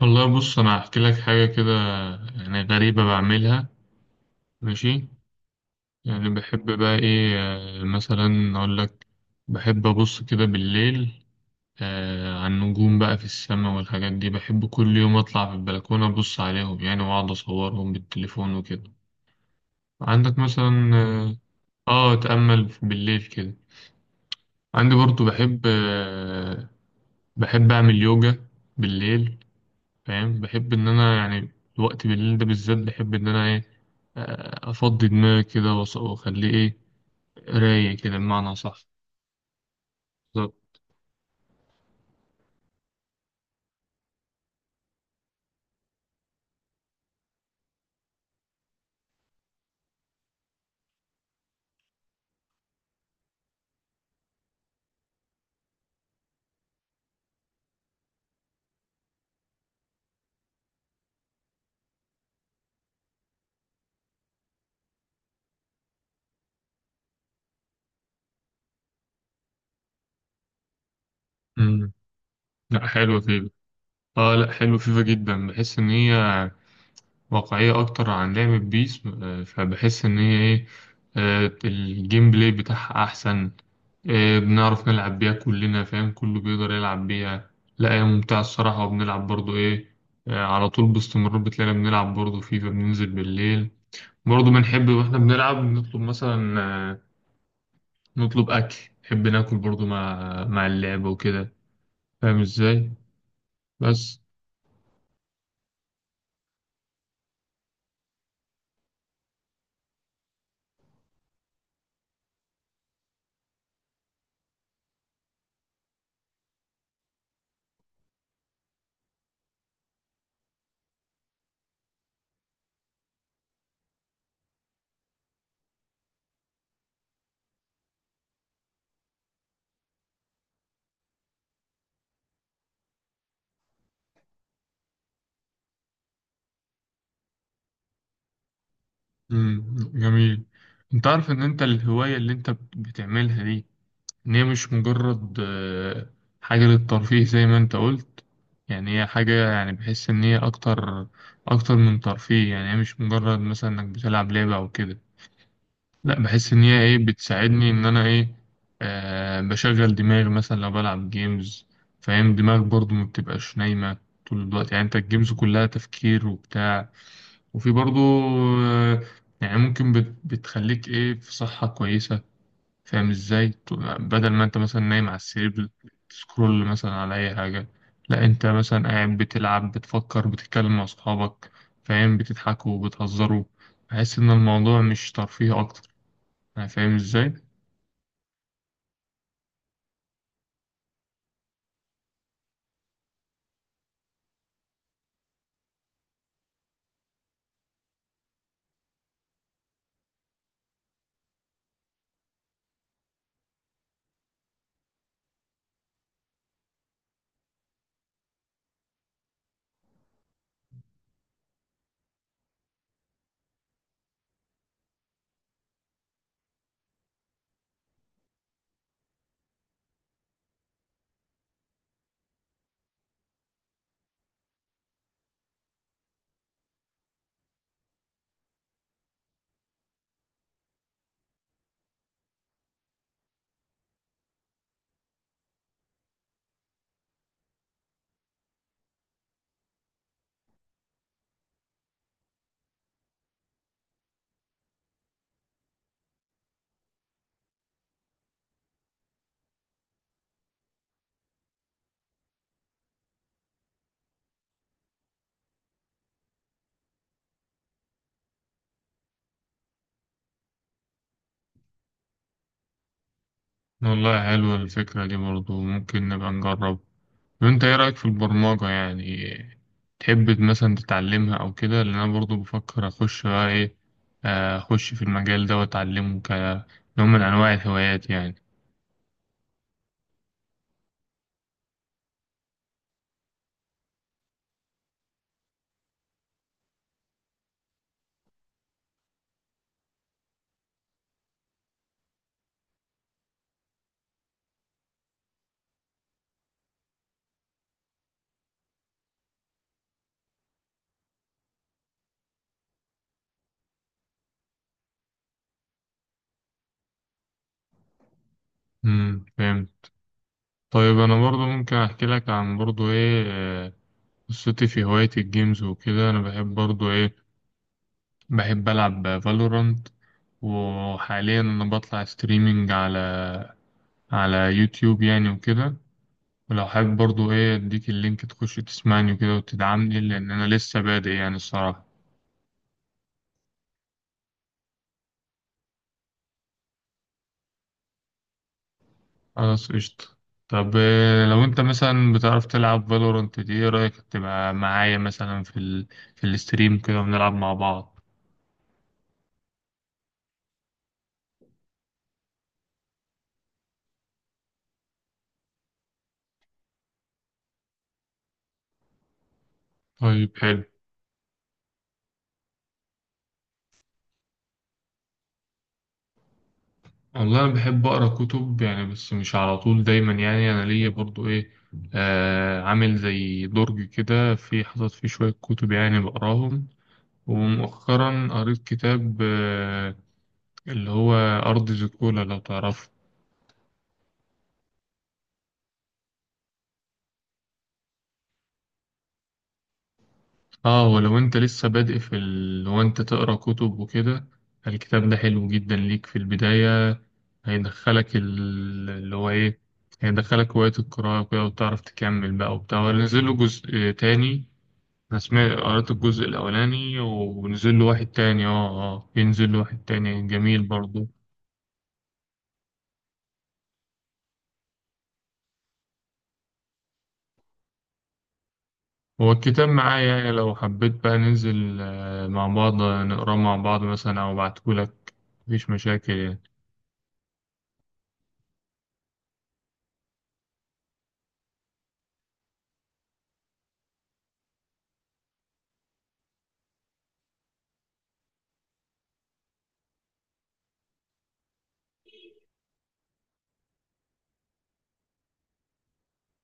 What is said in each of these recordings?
والله بص، انا هحكي لك حاجه كده يعني غريبه بعملها. ماشي. يعني بحب بقى ايه، مثلا اقول لك، بحب ابص كده بالليل على النجوم بقى في السماء والحاجات دي. بحب كل يوم اطلع في البلكونه ابص عليهم يعني واقعد اصورهم بالتليفون وكده. عندك مثلا اتامل بالليل كده. عندي برضو بحب اعمل يوجا بالليل. فاهم؟ بحب إن أنا يعني الوقت بالليل ده بالذات بحب إن أنا إيه، أفضي دماغي كده وأخليه إيه، رايق كده بمعنى صح. بالظبط. أمم. لأ، حلوة فيفا. لأ حلوة فيفا جدا، بحس إن هي واقعية أكتر عن لعبة بيس، فبحس إن هي إيه، الجيم بلاي بتاعها أحسن. بنعرف نلعب بيها كلنا فاهم، كله بيقدر يلعب بيها. لا هي ممتعة الصراحة، وبنلعب برضو إيه، على طول باستمرار بتلاقينا بنلعب برضو فيفا، بننزل بالليل. برضه بنحب واحنا بنلعب نطلب مثلا، آه، نطلب اكل. نحب ناكل برضه مع اللعبة وكده. فاهم ازاي؟ بس. مم. جميل. انت عارف ان انت الهواية اللي انت بتعملها دي، ان هي مش مجرد حاجة للترفيه زي ما انت قلت. يعني هي حاجة، يعني بحس ان هي اكتر من ترفيه. يعني هي مش مجرد مثلا انك بتلعب لعبة او كده، لا بحس ان هي ايه بتساعدني ان انا ايه بشغل دماغي مثلا لو بلعب جيمز. فاهم، دماغك برضو ما بتبقاش نايمة طول الوقت. يعني انت الجيمز كلها تفكير وبتاع. وفي برضو، آه يعني ممكن بتخليك ايه، في صحة كويسة. فاهم ازاي؟ بدل ما انت مثلا نايم على السرير بتسكرول مثلا على اي حاجة. لا انت مثلا قاعد بتلعب، بتفكر، بتتكلم مع اصحابك فاهم، بتضحكوا وبتهزروا. بحس ان الموضوع مش ترفيه، اكتر. أنا فاهم إزاي؟ والله حلوة الفكرة دي برضو، ممكن نبقى نجرب. وأنت إيه رأيك في البرمجة يعني؟ تحب مثلا تتعلمها أو كده؟ لأن أنا برضو بفكر أخش بقى إيه، أخش في المجال ده وأتعلمه كنوع من أنواع الهوايات يعني. امم، فاهم. طيب أنا برضو ممكن أحكي لك عن برضو إيه، قصتي في هواية الجيمز وكده. أنا بحب برضو إيه، بحب ألعب فالورانت. وحاليا أنا بطلع ستريمينج على يوتيوب يعني وكده. ولو حابب برضو ايه اديك اللينك، تخش تسمعني كده وتدعمني، لان انا لسه بادئ يعني الصراحة. خلاص قشطة. طب إيه لو انت مثلا بتعرف تلعب فالورانت دي، ايه رأيك تبقى معايا مثلا في الاستريم كده ونلعب مع بعض؟ طيب حلو. والله انا بحب اقرا كتب يعني، بس مش على طول دايما. يعني انا ليا برضو ايه، عامل زي درج كده في حاطط فيه شوية كتب يعني، بقراهم. ومؤخرا قريت كتاب، اللي هو أرض زيكولا، لو تعرفه. اه. ولو انت لسه بادئ وانت تقرا كتب وكده، الكتاب ده حلو جدا ليك في البداية. هيدخلك ال... اللي هو ايه هيدخلك هواية القراءة وكده، وتعرف تكمل بقى وبتاع. ونزل له جزء تاني. أنا قريت الجزء الأولاني، ونزل له واحد تاني. اه اه. ينزل له واحد تاني، جميل برضه. هو الكتاب معايا يعني، لو حبيت بقى ننزل مع بعض نقراه مع بعض مثلا أو أبعتهولك. مفيش مشاكل يعني.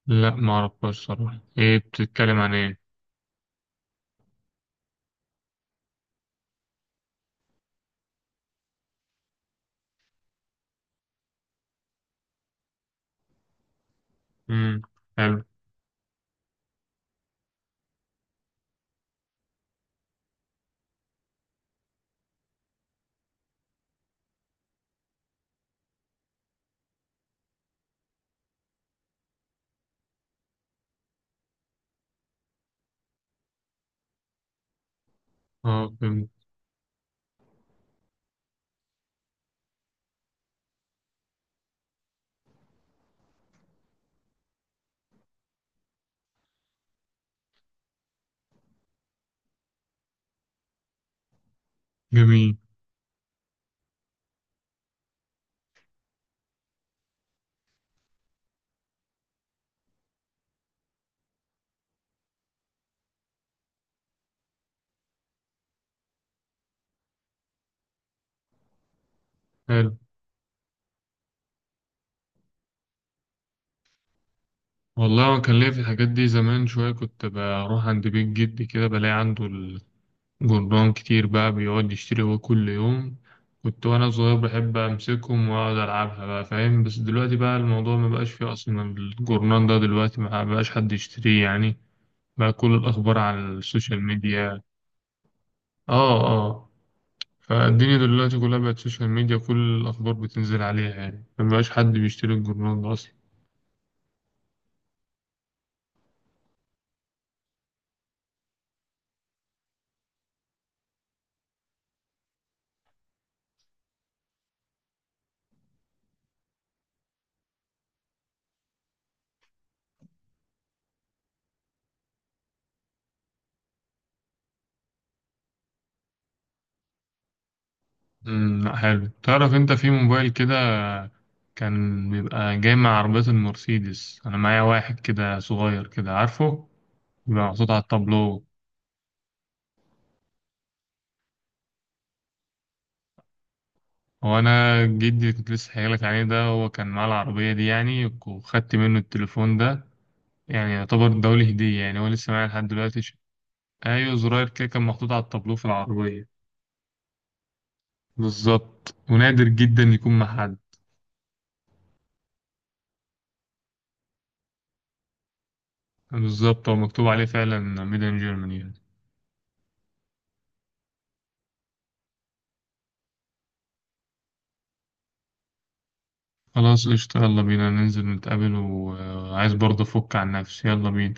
لا، معرفهاش صراحة، إيه بتتكلم عن إيه؟ مم. حلو. أه، فهمت. جميل. حلو. والله أنا كان ليا في الحاجات دي زمان شوية. كنت بروح عند بيت جدي كده بلاقي عنده جربان كتير بقى، بيقعد يشتري هو كل يوم. كنت وانا صغير بحب امسكهم واقعد العبها بقى فاهم. بس دلوقتي بقى الموضوع ما بقاش فيه اصلا. الجورنان ده دلوقتي ما بقاش حد يشتريه يعني. بقى كل الاخبار على السوشيال ميديا. اه اه. فالدنيا دلوقتي كلها بقت سوشيال ميديا، كل الاخبار بتنزل عليها. يعني ما بقاش حد بيشتري الجورنان ده اصلا. امم، لأ، حلو. تعرف انت في موبايل كده كان بيبقى جاي مع عربية المرسيدس؟ انا معايا واحد كده صغير كده، عارفه؟ بيبقى محطوط على التابلو. وانا جدي كنت لسه حكيلك عليه ده، هو كان معاه العربيه دي يعني، وخدت منه التليفون ده. يعني يعتبر دولي هديه يعني، هو لسه معايا لحد دلوقتي. ايوه زرار كده، كان محطوط على التابلو في العربيه. بالظبط، ونادر جدا يكون مع حد. بالظبط، هو مكتوب عليه فعلا ميد ان جيرماني يعني. خلاص قشطة، يلا بينا ننزل نتقابل، وعايز برضه افك عن نفسي. يلا بينا.